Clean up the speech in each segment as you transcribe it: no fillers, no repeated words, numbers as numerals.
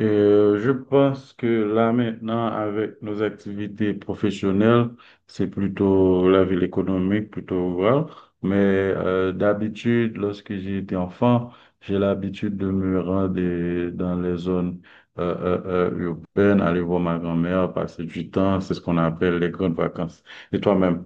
Je pense que là maintenant, avec nos activités professionnelles, c'est plutôt la ville économique, plutôt rurale. Mais d'habitude, lorsque j'étais enfant, j'ai l'habitude de me rendre dans les zones euh, euh, euh, urbaines, aller voir ma grand-mère, passer du temps. C'est ce qu'on appelle les grandes vacances. Et toi-même?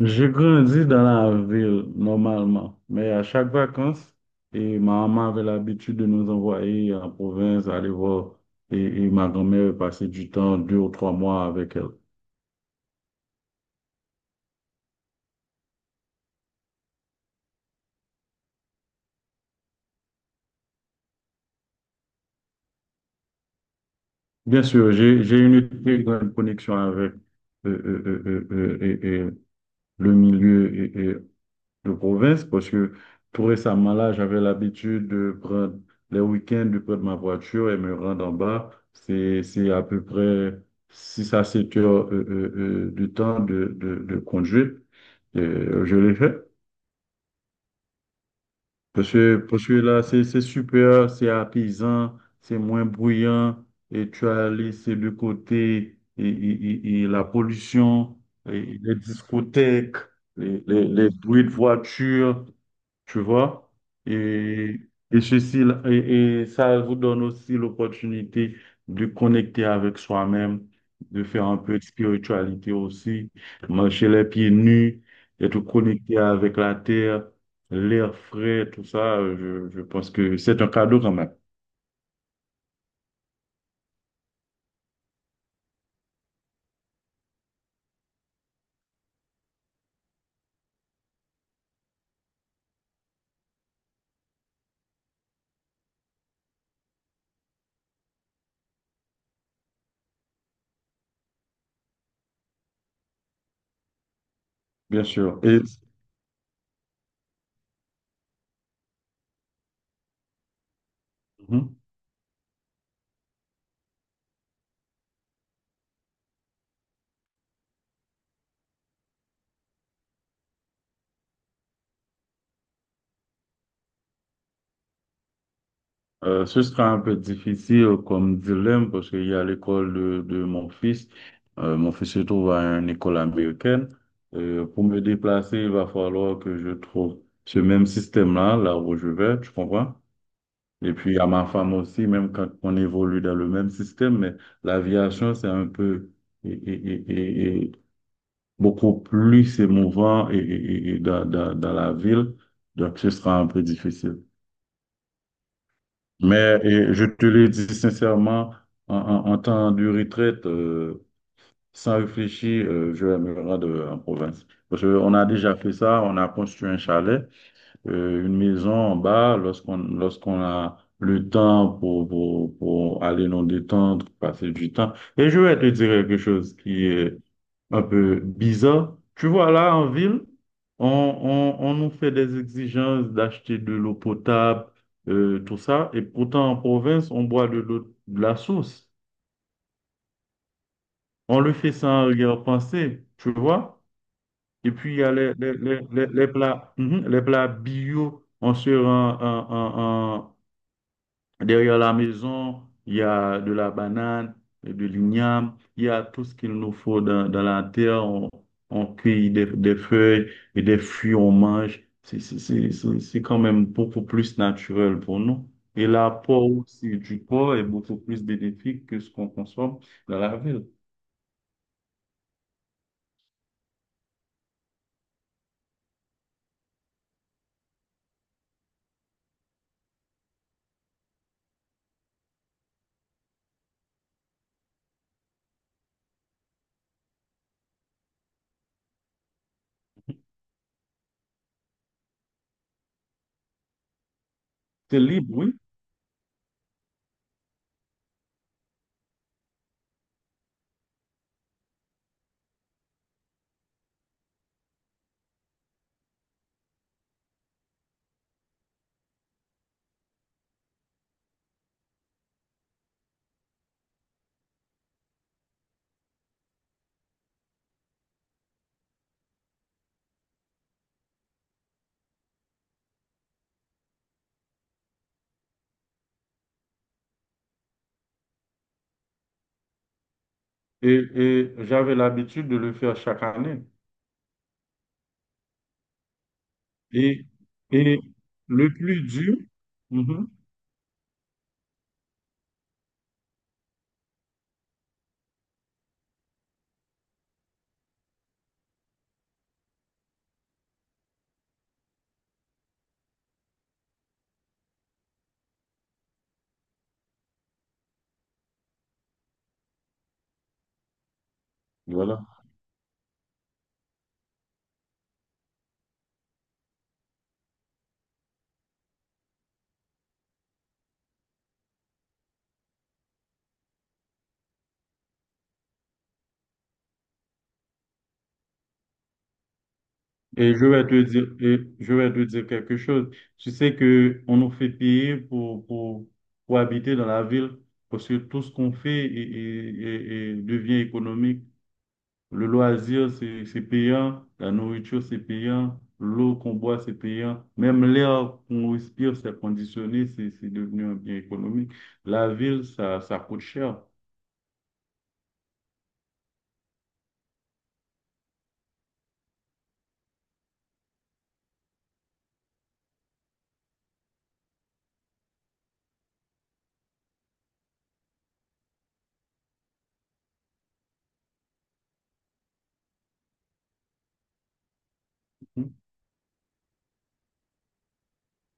Je grandis dans la ville normalement, mais à chaque vacances, et ma maman avait l'habitude de nous envoyer en province aller voir et, et ma grand-mère passait du temps, deux ou trois mois avec elle. Bien sûr, j'ai une très grande connexion avec et le milieu de province parce que tout récemment là, j'avais l'habitude de prendre les week-ends de prendre ma voiture et me rendre en bas. C'est à peu près 6 à 7 heures de temps de conduite. Et, je l'ai fait. Parce que là, c'est super, c'est apaisant, c'est moins bruyant, et tu as laissé de côté et la pollution, et les discothèques, les bruits de voiture, tu vois. Et, et ceci, et ça vous donne aussi l'opportunité de connecter avec soi-même, de faire un peu de spiritualité aussi, marcher les pieds nus, être connecté avec la terre, l'air frais, tout ça, je pense que c'est un cadeau quand même, bien sûr. Et mhm. Ce sera un peu difficile comme dilemme parce qu'il y a l'école de mon fils. Mon fils se trouve à une école américaine. Pour me déplacer, il va falloir que je trouve ce même système-là, là où je vais, tu comprends? Et puis à ma femme aussi, même quand on évolue dans le même système, mais l'aviation, c'est un peu... et, beaucoup plus émouvant et dans la ville. Donc, ce sera un peu difficile. Mais je te le dis sincèrement, en temps de retraite, sans réfléchir, je vais me rendre en province. Parce qu'on a déjà fait ça, on a construit un chalet, une maison en bas, lorsqu'on a le temps pour aller nous détendre, passer du temps. Et je vais te dire quelque chose qui est un peu bizarre. Tu vois, là, en ville, on nous fait des exigences d'acheter de l'eau potable, tout ça, et pourtant en province, on boit de l'eau de la source. On le fait sans arrière-pensée, tu vois. Et puis, il y a les plats, mhm, les plats bio, on se rend. Derrière la maison, il y a de la banane, de l'igname, il y a tout ce qu'il nous faut dans, dans la terre. On cueille des feuilles et des fruits, on mange. C'est quand même beaucoup plus naturel pour nous. Et l'apport aussi du corps est beaucoup plus bénéfique que ce qu'on consomme dans la ville. C'est libre, oui. Et j'avais l'habitude de le faire chaque année. Et, et le plus dur, mhm, voilà. Et je vais te dire, et je vais te dire quelque chose. Tu sais que on nous fait payer pour habiter dans la ville parce que tout ce qu'on fait devient économique. Le loisir, c'est payant. La nourriture, c'est payant. L'eau qu'on boit, c'est payant. Même l'air qu'on respire, c'est conditionné. C'est devenu un bien économique. La ville, ça coûte cher.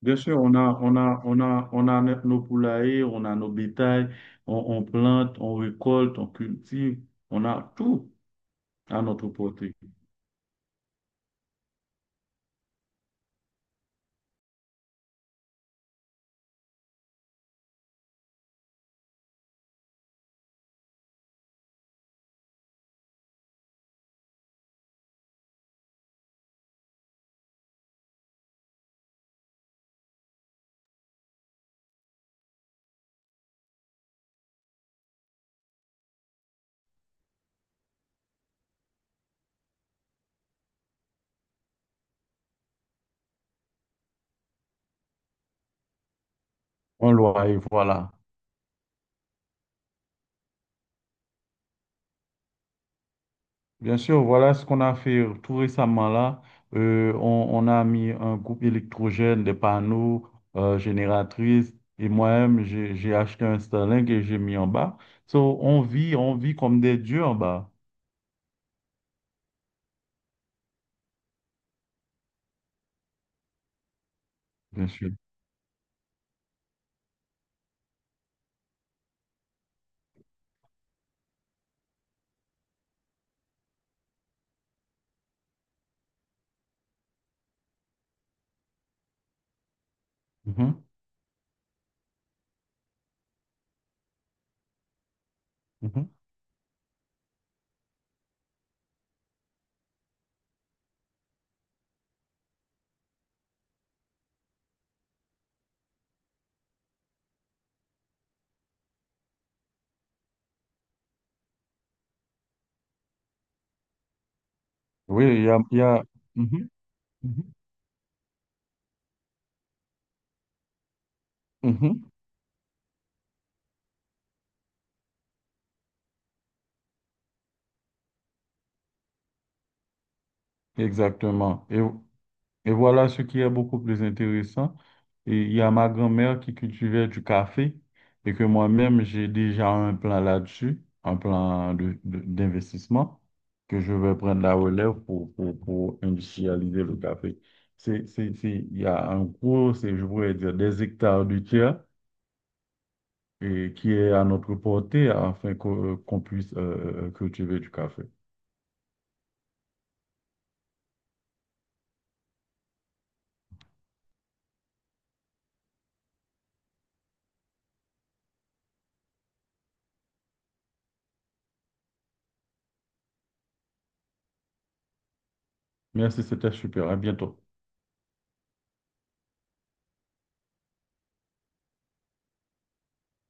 Bien sûr, on a nos poulaillers, on a nos bétails, on plante, on récolte, on cultive, on a tout à notre portée. On loyer, voilà. Bien sûr, voilà ce qu'on a fait tout récemment là. On a mis un groupe électrogène, des panneaux, génératrices, et moi-même, j'ai acheté un Starlink et j'ai mis en bas. So, on vit comme des dieux en bas, bien sûr. Mhm, mhm. Oui, il y a, il y a, mhm, mhm, mhm. Exactement. Et voilà ce qui est beaucoup plus intéressant. Et il y a ma grand-mère qui cultivait du café et que moi-même, j'ai déjà un plan là-dessus, un plan d'investissement que je vais prendre la relève pour industrialiser le café. C'est, il y a un gros, c'est, je pourrais dire, des hectares de terre et qui est à notre portée afin qu'on puisse cultiver du café. Merci, c'était super. À bientôt.